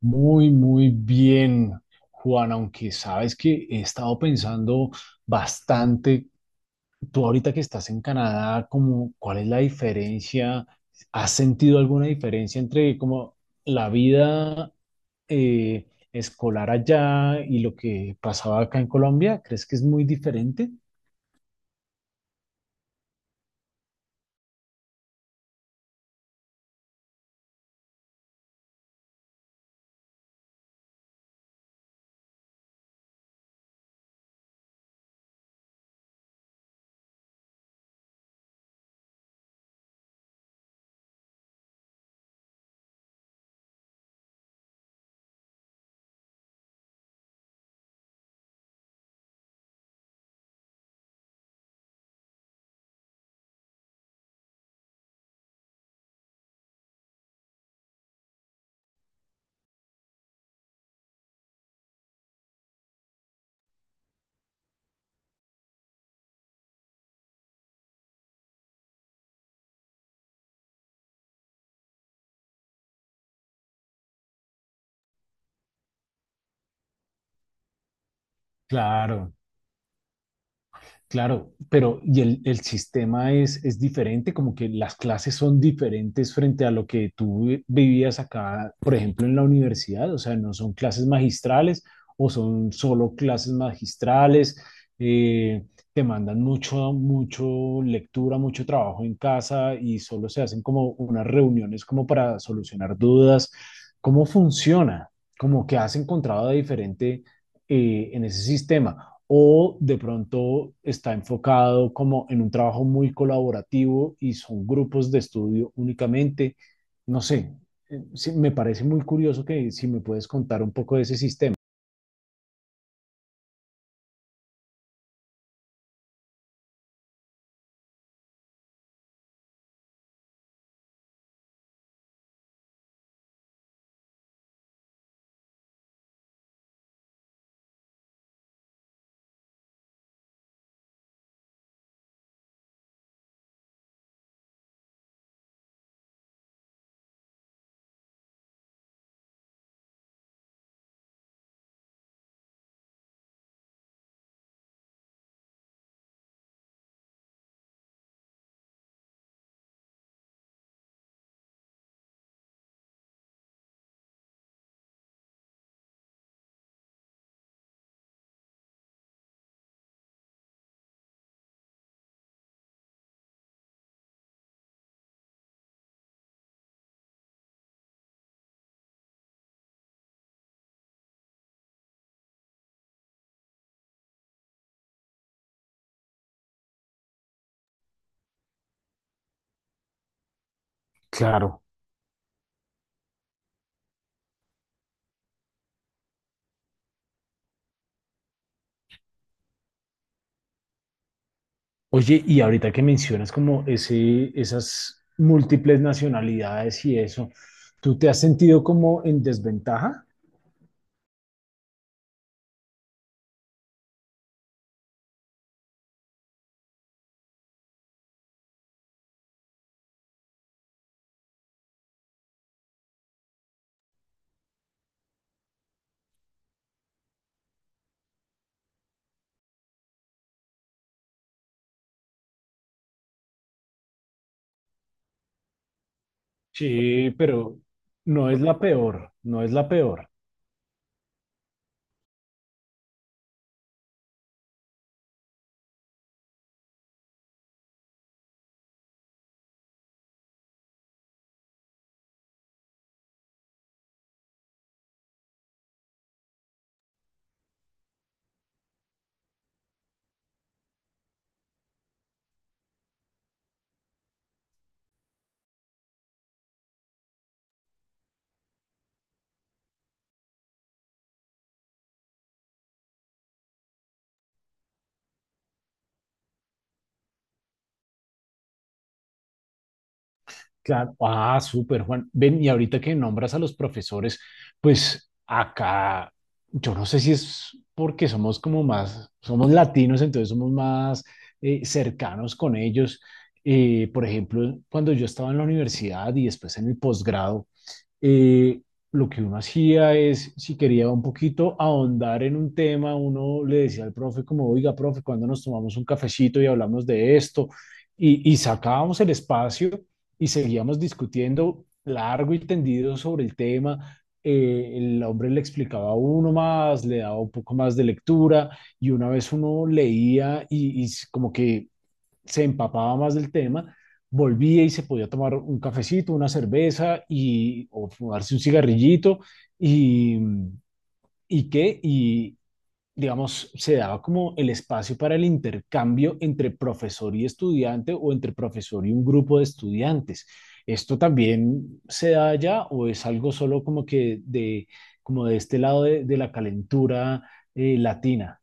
Muy, muy bien, Juan, aunque sabes que he estado pensando bastante. Tú ahorita que estás en Canadá, como, ¿cuál es la diferencia? ¿Has sentido alguna diferencia entre como la vida eh, escolar allá y lo que pasaba acá en Colombia? ¿Crees que es muy diferente? Claro. Claro, pero y el sistema es diferente, como que las clases son diferentes frente a lo que tú vivías acá, por ejemplo, en la universidad, o sea, no son clases magistrales o son solo clases magistrales. eh, Te mandan mucho, mucho lectura, mucho trabajo en casa y solo se hacen como unas reuniones como para solucionar dudas. ¿Cómo funciona? Como que has encontrado de diferente en ese sistema, o de pronto está enfocado como en un trabajo muy colaborativo y son grupos de estudio únicamente. No sé, sí, me parece muy curioso que si me puedes contar un poco de ese sistema. Claro. Oye, y ahorita que mencionas como ese, esas múltiples nacionalidades y eso, ¿tú te has sentido como en desventaja? Sí, pero no es la peor, no es la peor. Claro, ah, súper, Juan. Ven, y ahorita que nombras a los profesores, pues acá, yo no sé si es porque somos como más, somos latinos, entonces somos más cercanos con ellos. Por ejemplo, cuando yo estaba en la universidad y después en el posgrado, eh, lo que uno hacía es, si quería un poquito ahondar en un tema, uno le decía al profe como, oiga, profe, cuando nos tomamos un cafecito y hablamos de esto, y sacábamos el espacio y seguíamos discutiendo largo y tendido sobre el tema. El hombre le explicaba a uno más, le daba un poco más de lectura, y una vez uno leía y como que se empapaba más del tema, volvía y se podía tomar un cafecito, una cerveza y, o fumarse un cigarrillito y, y qué, y digamos, se daba como el espacio para el intercambio entre profesor y estudiante o entre profesor y un grupo de estudiantes. ¿Esto también se da allá o es algo solo como que de, como de este lado de la calentura latina?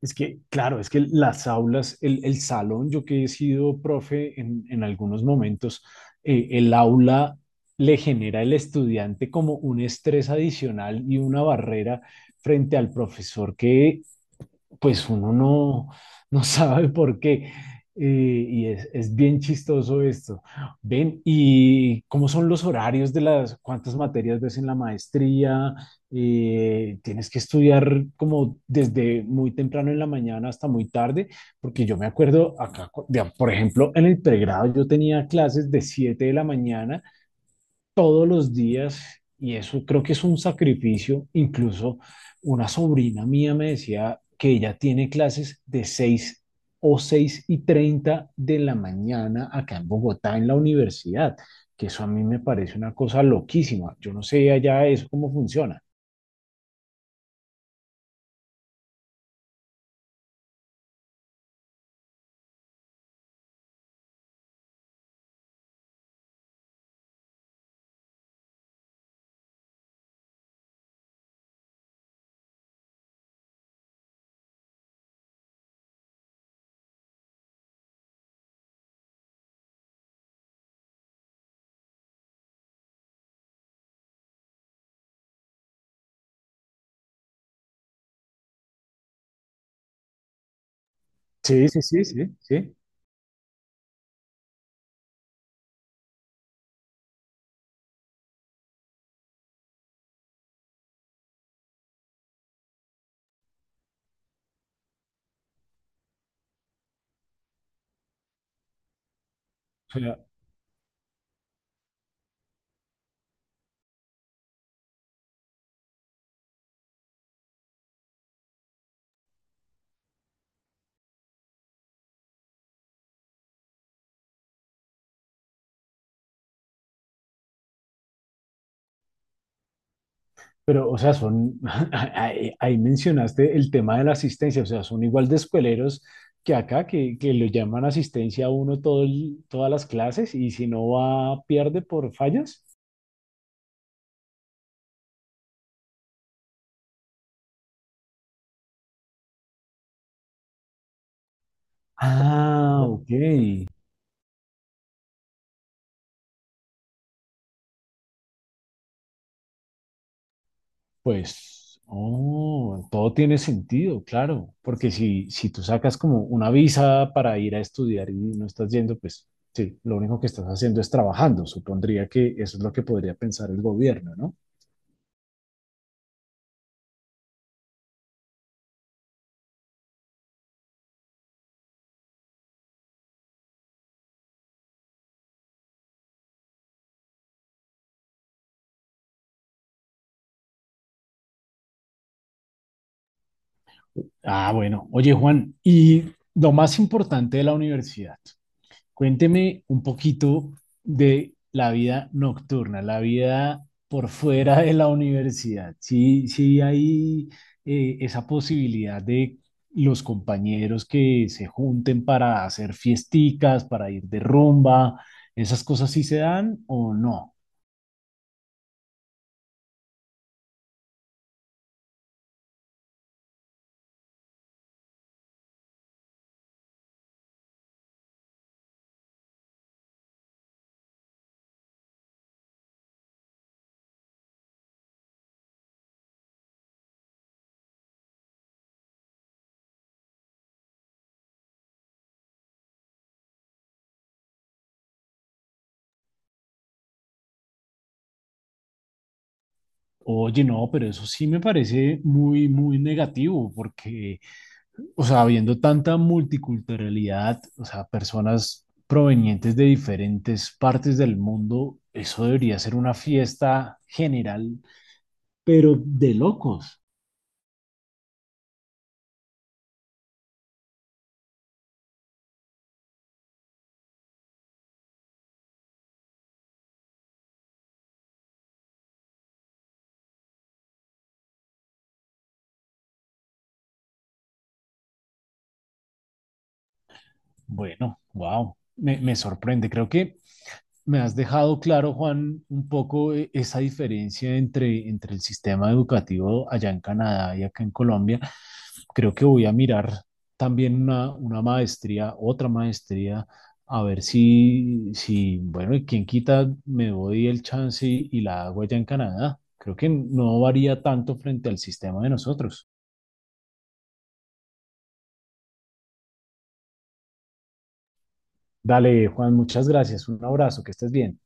Es que, claro, es que las aulas, el salón, yo que he sido profe en algunos momentos, el aula le genera al estudiante como un estrés adicional y una barrera frente al profesor que pues uno no, no sabe por qué. Y es bien chistoso esto. Ven, ¿y cómo son los horarios de las, cuántas materias ves en la maestría? ¿Tienes que estudiar como desde muy temprano en la mañana hasta muy tarde? Porque yo me acuerdo acá, por ejemplo, en el pregrado yo tenía clases de 7 de la mañana todos los días y eso creo que es un sacrificio. Incluso una sobrina mía me decía que ella tiene clases de 6 o 6:30 de la mañana acá en Bogotá, en la universidad, que eso a mí me parece una cosa loquísima. Yo no sé allá eso cómo funciona. Sí, sí, sí, sí, sí. O sea, pero, o sea, son, ahí, ahí mencionaste el tema de la asistencia, o sea, son igual de escueleros que acá, que lo llaman asistencia a uno todo todas las clases y si no va, pierde por fallas. Ah, ok. Pues, oh, todo tiene sentido, claro, porque si, si tú sacas como una visa para ir a estudiar y no estás yendo, pues sí, lo único que estás haciendo es trabajando. Supondría que eso es lo que podría pensar el gobierno, ¿no? Ah, bueno, oye Juan, y lo más importante de la universidad. Cuénteme un poquito de la vida nocturna, la vida por fuera de la universidad. Sí, sí hay esa posibilidad de los compañeros que se junten para hacer fiesticas, para ir de rumba, esas cosas sí se dan o no. Oye, no, pero eso sí me parece muy, muy negativo porque o sea, habiendo tanta multiculturalidad, o sea, personas provenientes de diferentes partes del mundo, eso debería ser una fiesta general, pero de locos. Bueno, wow, me sorprende. Creo que me has dejado claro, Juan, un poco esa diferencia entre, entre el sistema educativo allá en Canadá y acá en Colombia. Creo que voy a mirar también una maestría, otra maestría, a ver si, si, bueno, y quién quita, me doy el chance y la hago allá en Canadá. Creo que no varía tanto frente al sistema de nosotros. Dale, Juan, muchas gracias. Un abrazo, que estés bien.